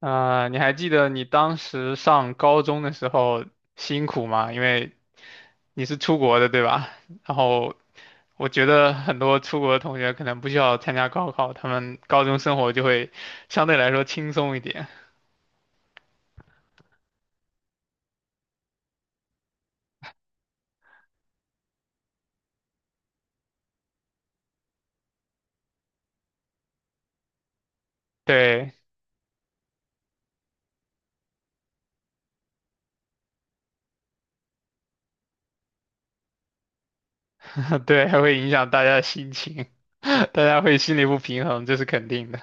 啊、你还记得你当时上高中的时候辛苦吗？因为你是出国的，对吧？然后我觉得很多出国的同学可能不需要参加高考，他们高中生活就会相对来说轻松一点。对，对，还会影响大家的心情，大家会心里不平衡，这是肯定的。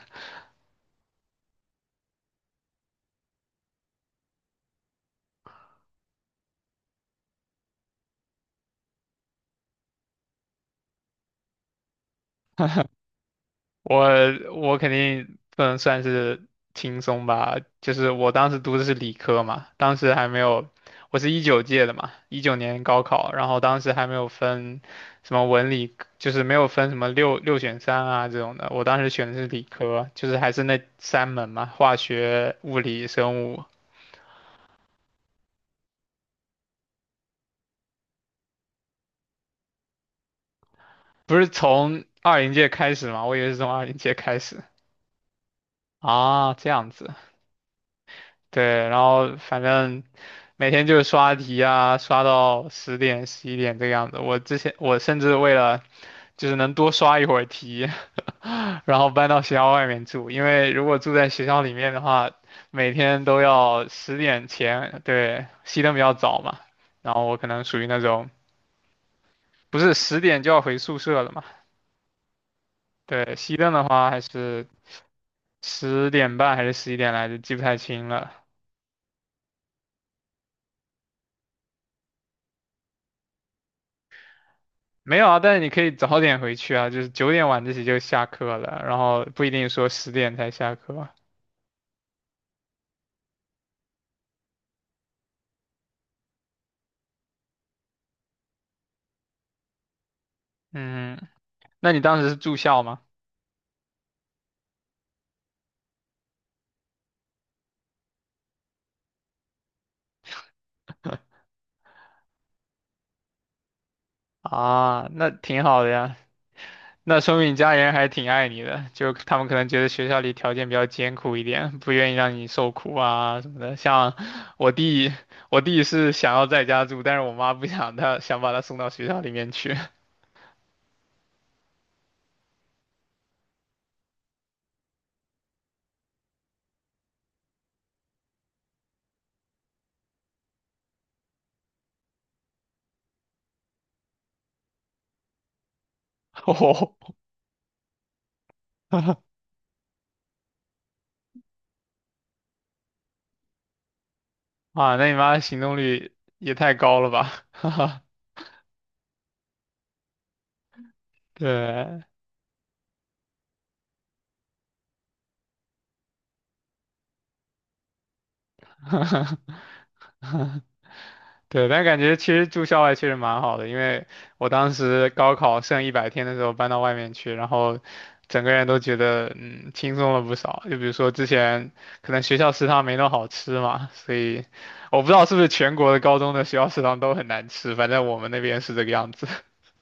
我我肯定不能算是轻松吧，就是我当时读的是理科嘛，当时还没有，我是19届的嘛，19年高考，然后当时还没有分什么文理，就是没有分什么六选三啊这种的，我当时选的是理科，就是还是那三门嘛，化学、物理、生物，不是从二零届开始嘛，我以为是从二零届开始啊，这样子。对，然后反正每天就是刷题啊，刷到10点11点这个样子。我之前我甚至为了就是能多刷一会儿题，然后搬到学校外面住，因为如果住在学校里面的话，每天都要10点前，对，熄灯比较早嘛，然后我可能属于那种不是十点就要回宿舍了嘛，对，熄灯的话还是10点半还是十一点来着，记不太清了，没有啊，但是你可以早点回去啊，就是9点晚自习就下课了，然后不一定说十点才下课。嗯，那你当时是住校吗？啊，那挺好的呀，那说明你家人还挺爱你的，就他们可能觉得学校里条件比较艰苦一点，不愿意让你受苦啊什么的。像我弟，我弟是想要在家住，但是我妈不想他，想把他送到学校里面去。哦，啊，那你妈行动力也太高了吧？对。对，但感觉其实住校外确实蛮好的，因为我当时高考剩100天的时候搬到外面去，然后整个人都觉得嗯轻松了不少。就比如说之前可能学校食堂没那么好吃嘛，所以我不知道是不是全国的高中的学校食堂都很难吃，反正我们那边是这个样子。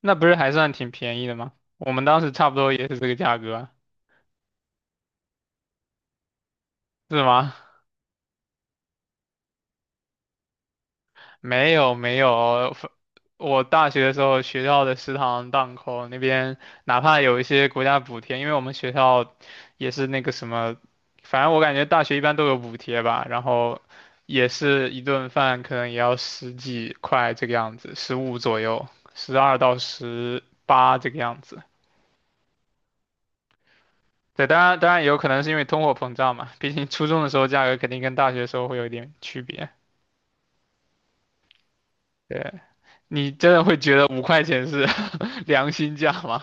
那不是还算挺便宜的吗？我们当时差不多也是这个价格啊是吗？没有没有，呃我大学的时候学校的食堂档口那边，哪怕有一些国家补贴，因为我们学校也是那个什么，反正我感觉大学一般都有补贴吧，然后也是一顿饭可能也要十几块这个样子，15左右，12到18这个样子。对，当然当然也有可能是因为通货膨胀嘛，毕竟初中的时候价格肯定跟大学的时候会有一点区别。对，你真的会觉得五块钱是 良心价吗？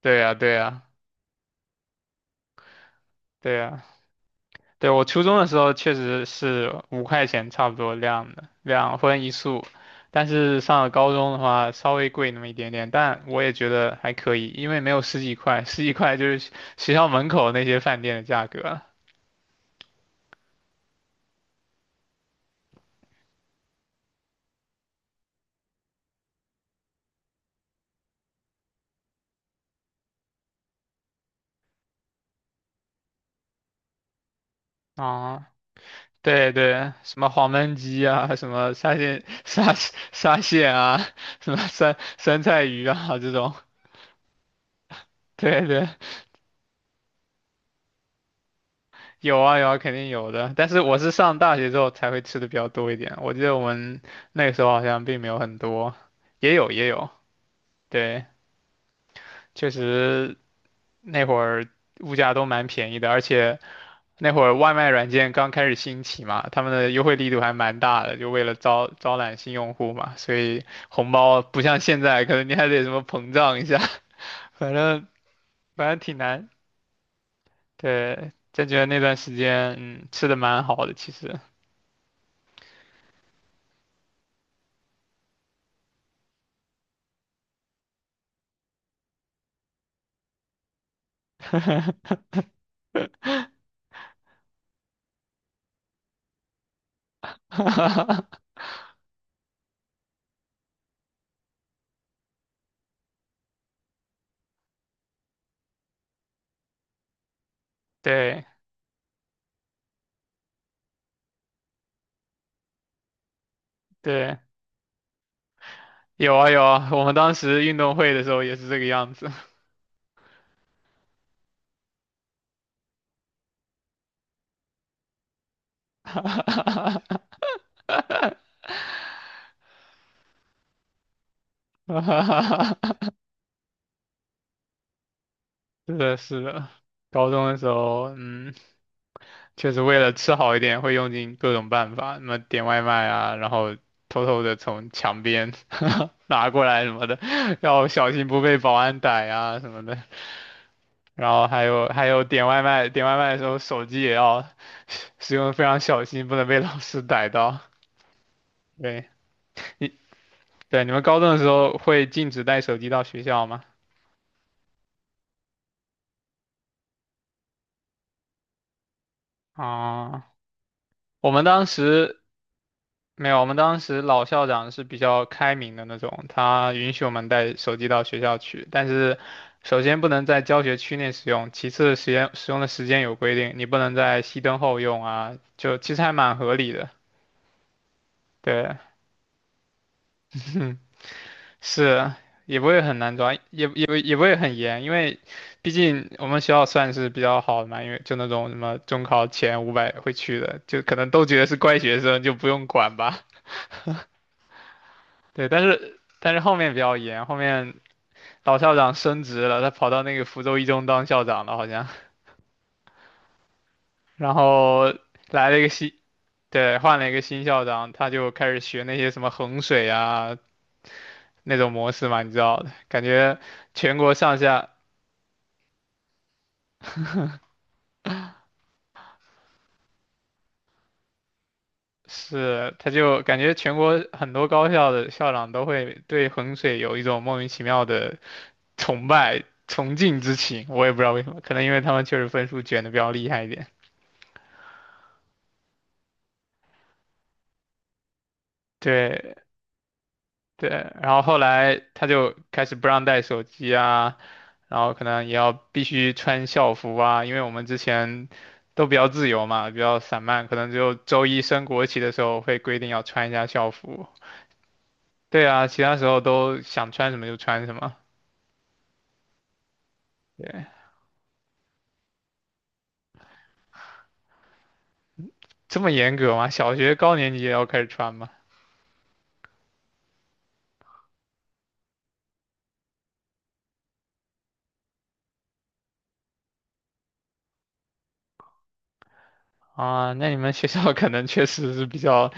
对呀，对呀，对呀，对，我初中的时候确实是五块钱差不多量的，两荤一素，但是上了高中的话稍微贵那么一点点，但我也觉得还可以，因为没有十几块，十几块就是学学校门口那些饭店的价格了啊。对对，什么黄焖鸡啊，什么沙县啊，什么酸酸菜鱼啊这种，对对有啊有啊，肯定有的。但是我是上大学之后才会吃的比较多一点。我记得我们那个时候好像并没有很多，也有也有。对，确实那会儿物价都蛮便宜的，而且那会儿外卖软件刚开始兴起嘛，他们的优惠力度还蛮大的，就为了招揽新用户嘛，所以红包不像现在，可能你还得什么膨胀一下，反正反正挺难。对，真觉得那段时间嗯吃的蛮好的，其实。对对，有啊有啊，我们当时运动会的时候也是这个样子。是的，是的，高中的时候，嗯，确实为了吃好一点，会用尽各种办法，什么点外卖啊，然后偷偷的从墙边 拿过来什么的，要小心不被保安逮啊什么的。然后还有点外卖，点外卖的时候手机也要使用得非常小心，不能被老师逮到。对。对，你们高中的时候会禁止带手机到学校吗？啊、我们当时没有，我们当时老校长是比较开明的那种，他允许我们带手机到学校去，但是首先不能在教学区内使用，其次时间使用的时间有规定，你不能在熄灯后用啊，就其实还蛮合理的。对，是，也不会很难抓，也不会很严，因为毕竟我们学校算是比较好的嘛，因为就那种什么中考前500会去的，就可能都觉得是乖学生，就不用管吧。对，但是后面比较严，后面老校长升职了，他跑到那个福州一中当校长了好像，然后来了一个新，对，换了一个新校长，他就开始学那些什么衡水啊那种模式嘛，你知道的，感觉全国上下。是，他就感觉全国很多高校的校长都会对衡水有一种莫名其妙的崇拜、崇敬之情，我也不知道为什么，可能因为他们确实分数卷的比较厉害一点。对对，然后后来他就开始不让带手机啊，然后可能也要必须穿校服啊，因为我们之前都比较自由嘛，比较散漫，可能就周一升国旗的时候会规定要穿一下校服。对啊，其他时候都想穿什么就穿什么。这么严格吗？小学高年级也要开始穿吗？啊，那你们学校 可能确实是比较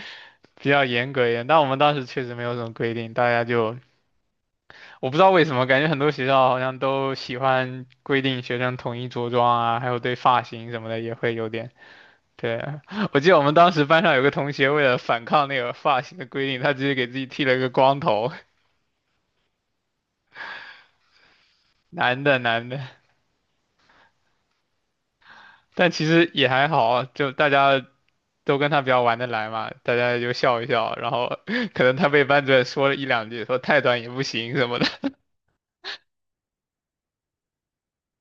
比较严格一点，但我们当时确实没有什么规定，大家就我不知道为什么，感觉很多学校好像都喜欢规定学生统一着装啊，还有对发型什么的也会有点。对啊，我记得我们当时班上有个同学为了反抗那个发型的规定，他直接给自己剃了一个光头，男的男的，但其实也还好啊，就大家都跟他比较玩得来嘛，大家就笑一笑，然后 可能他被班主任说了一两句，说太短也不行什么的，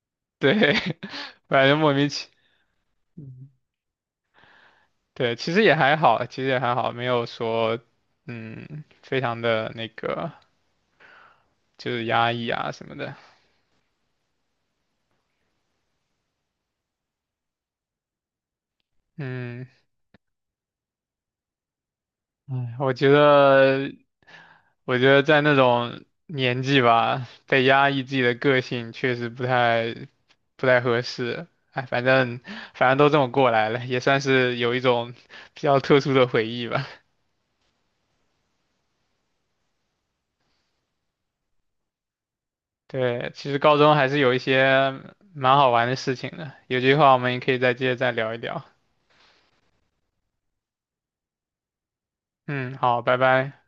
对，反正莫名其，对，其实也还好，其实也还好，没有说，嗯，非常的那个就是压抑啊什么的，嗯，哎，我觉得，我觉得在那种年纪吧，被压抑自己的个性确实不太合适。哎，反正都这么过来了，也算是有一种 比较特殊的回忆吧。对，其实高中还是有一些蛮好玩的事情的，有机会我们也可以再接着再聊一聊。嗯，好，拜拜。